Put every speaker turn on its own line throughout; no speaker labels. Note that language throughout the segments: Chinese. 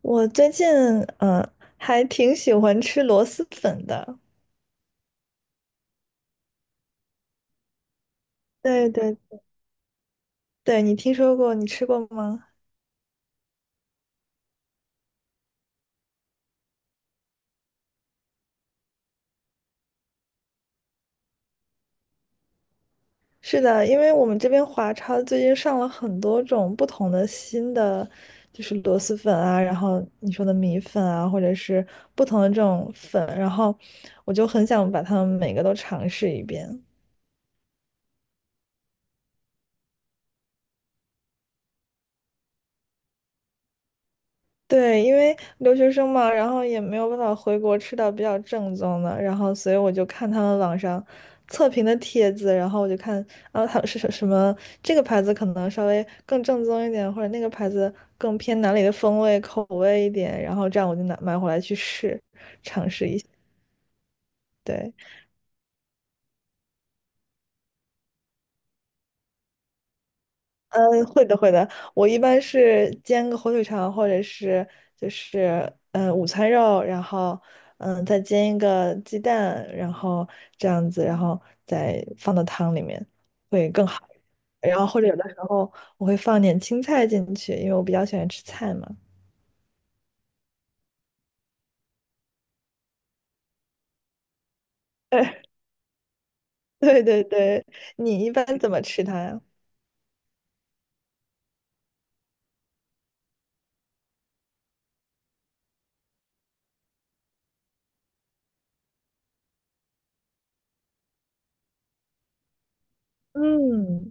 我最近嗯，呃还挺喜欢吃螺蛳粉的。对对对，你听说过，你吃过吗？是的，因为我们这边华超最近上了很多种不同的新的，就是螺蛳粉啊，然后你说的米粉啊，或者是不同的这种粉，然后我就很想把它们每个都尝试一遍。对，因为留学生嘛，然后也没有办法回国吃到比较正宗的，然后所以我就看他们网上测评的帖子，然后我就看，啊，后他们是什什么这个牌子可能稍微更正宗一点，或者那个牌子更偏哪里的风味口味一点，然后这样我就拿买回来去试。对，嗯，会的会的，我一般是煎个火腿肠或者是午餐肉，然后再煎一个鸡蛋，然后这样子，然后再放到汤里面会更好。然后或者有的时候我会放点青菜进去，因为我比较喜欢吃菜嘛。对对对对，你一般怎么吃它呀？嗯。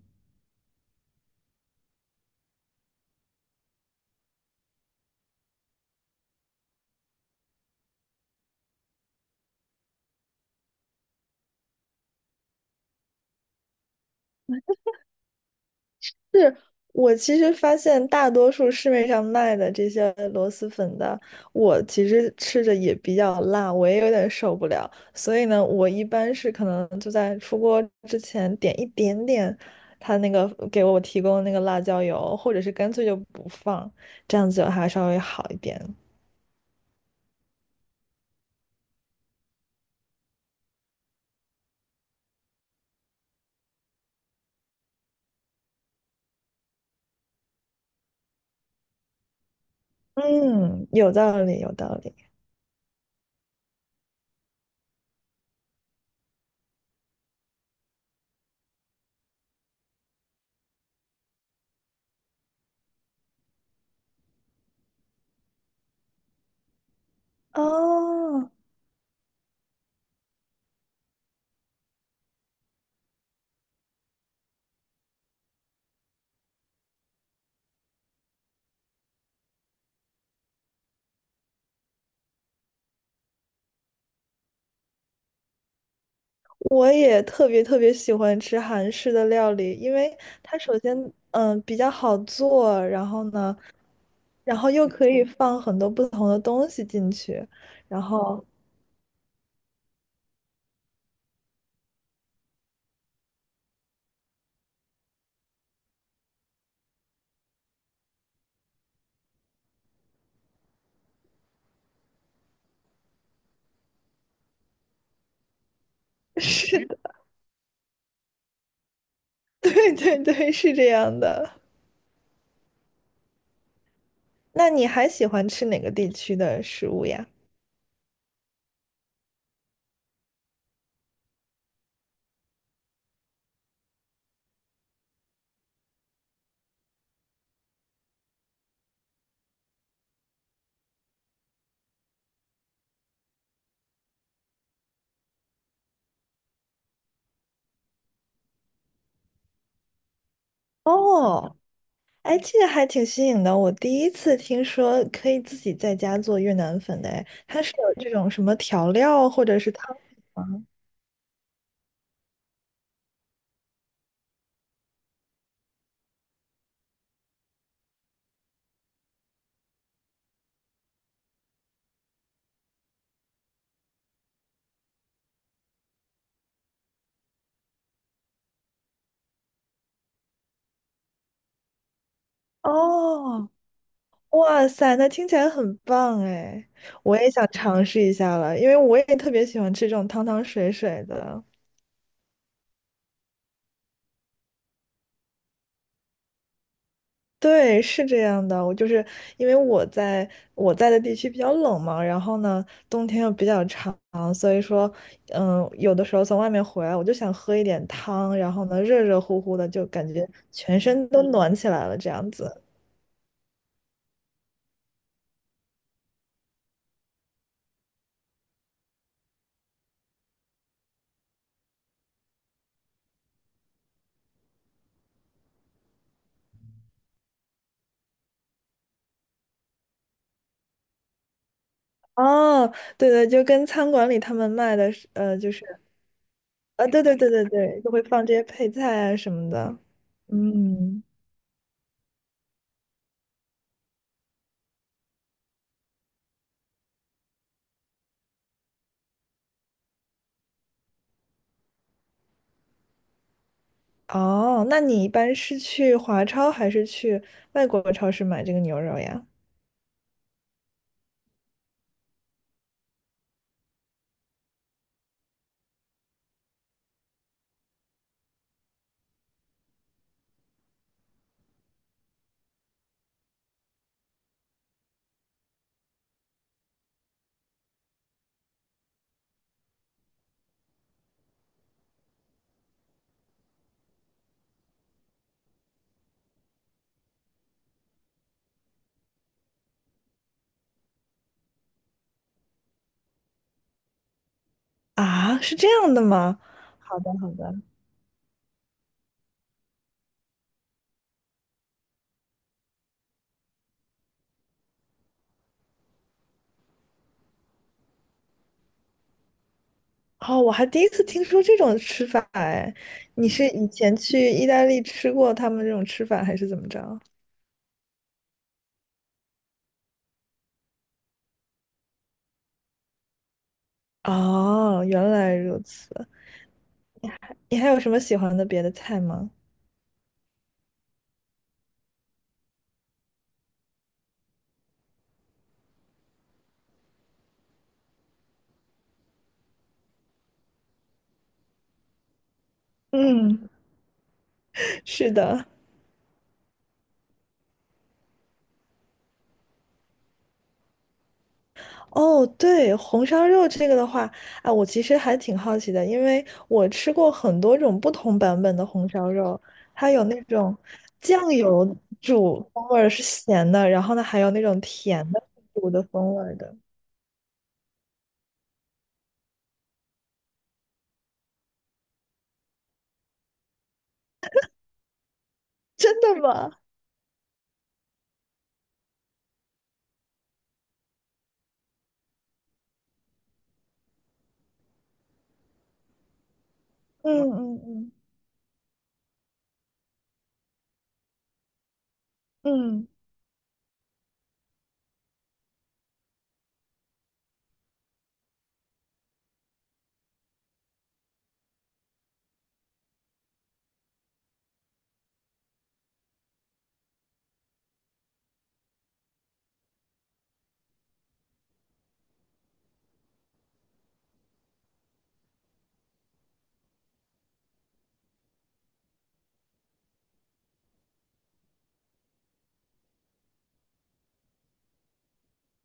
是。我其实发现，大多数市面上卖的这些螺蛳粉的，我其实吃着也比较辣，我也有点受不了。所以呢，我一般是可能就在出锅之前点一点点，他那个给我提供的那个辣椒油，或者是干脆就不放，这样子还稍微好一点。嗯，有道理，有道理。哦，我也特别特别喜欢吃韩式的料理，因为它首先比较好做，然后呢，然后又可以放很多不同的东西进去，然后 是的，对对对，是这样的。那你还喜欢吃哪个地区的食物呀？哦，哎，这个还挺新颖的，我第一次听说可以自己在家做越南粉的，哎，它是有这种什么调料或者是汤吗？哦。哇塞，那听起来很棒哎！我也想尝试一下了，因为我也特别喜欢吃这种汤汤水水的。对，是这样的，我就是因为我在的地区比较冷嘛，然后呢，冬天又比较长，所以说，有的时候从外面回来，我就想喝一点汤，然后呢，热热乎乎的，就感觉全身都暖起来了，这样子。哦，对对，就跟餐馆里他们卖的是就是啊，对对对对对，就会放这些配菜啊什么的。嗯，哦，那你一般是去华超还是去外国超市买这个牛肉呀？啊，是这样的吗？好的好的。哦，我还第一次听说这种吃法哎，你是以前去意大利吃过他们这种吃法，还是怎么着？哦，原来如此。你还有什么喜欢的别的菜吗？嗯，是的。哦，对，红烧肉这个的话，啊，我其实还挺好奇的，因为我吃过很多种不同版本的红烧肉，它有那种酱油煮风味儿是咸的，然后呢还有那种甜的煮的风味儿的，真的吗？嗯嗯嗯嗯，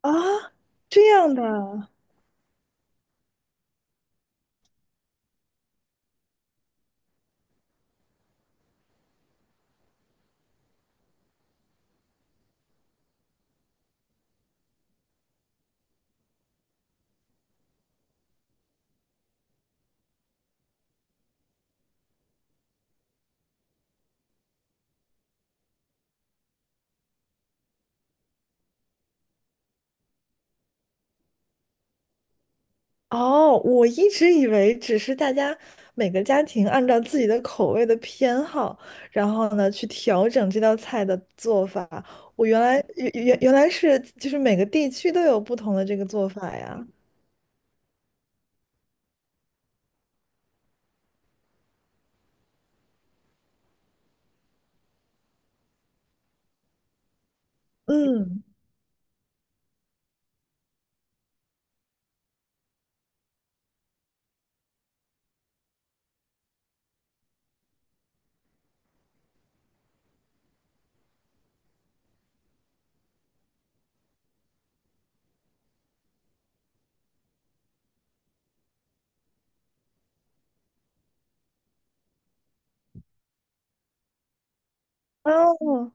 啊，这样的啊。哦，我一直以为只是大家每个家庭按照自己的口味的偏好，然后呢去调整这道菜的做法。我原来是就是每个地区都有不同的这个做法呀。嗯，哦，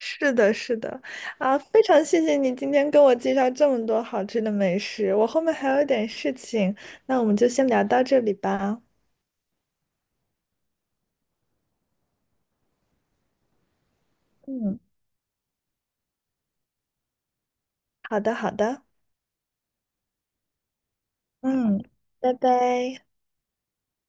是的，是的，啊，非常谢谢你今天跟我介绍这么多好吃的美食，我后面还有点事情，那我们就先聊到这里吧。嗯，好的，好的，嗯，拜拜。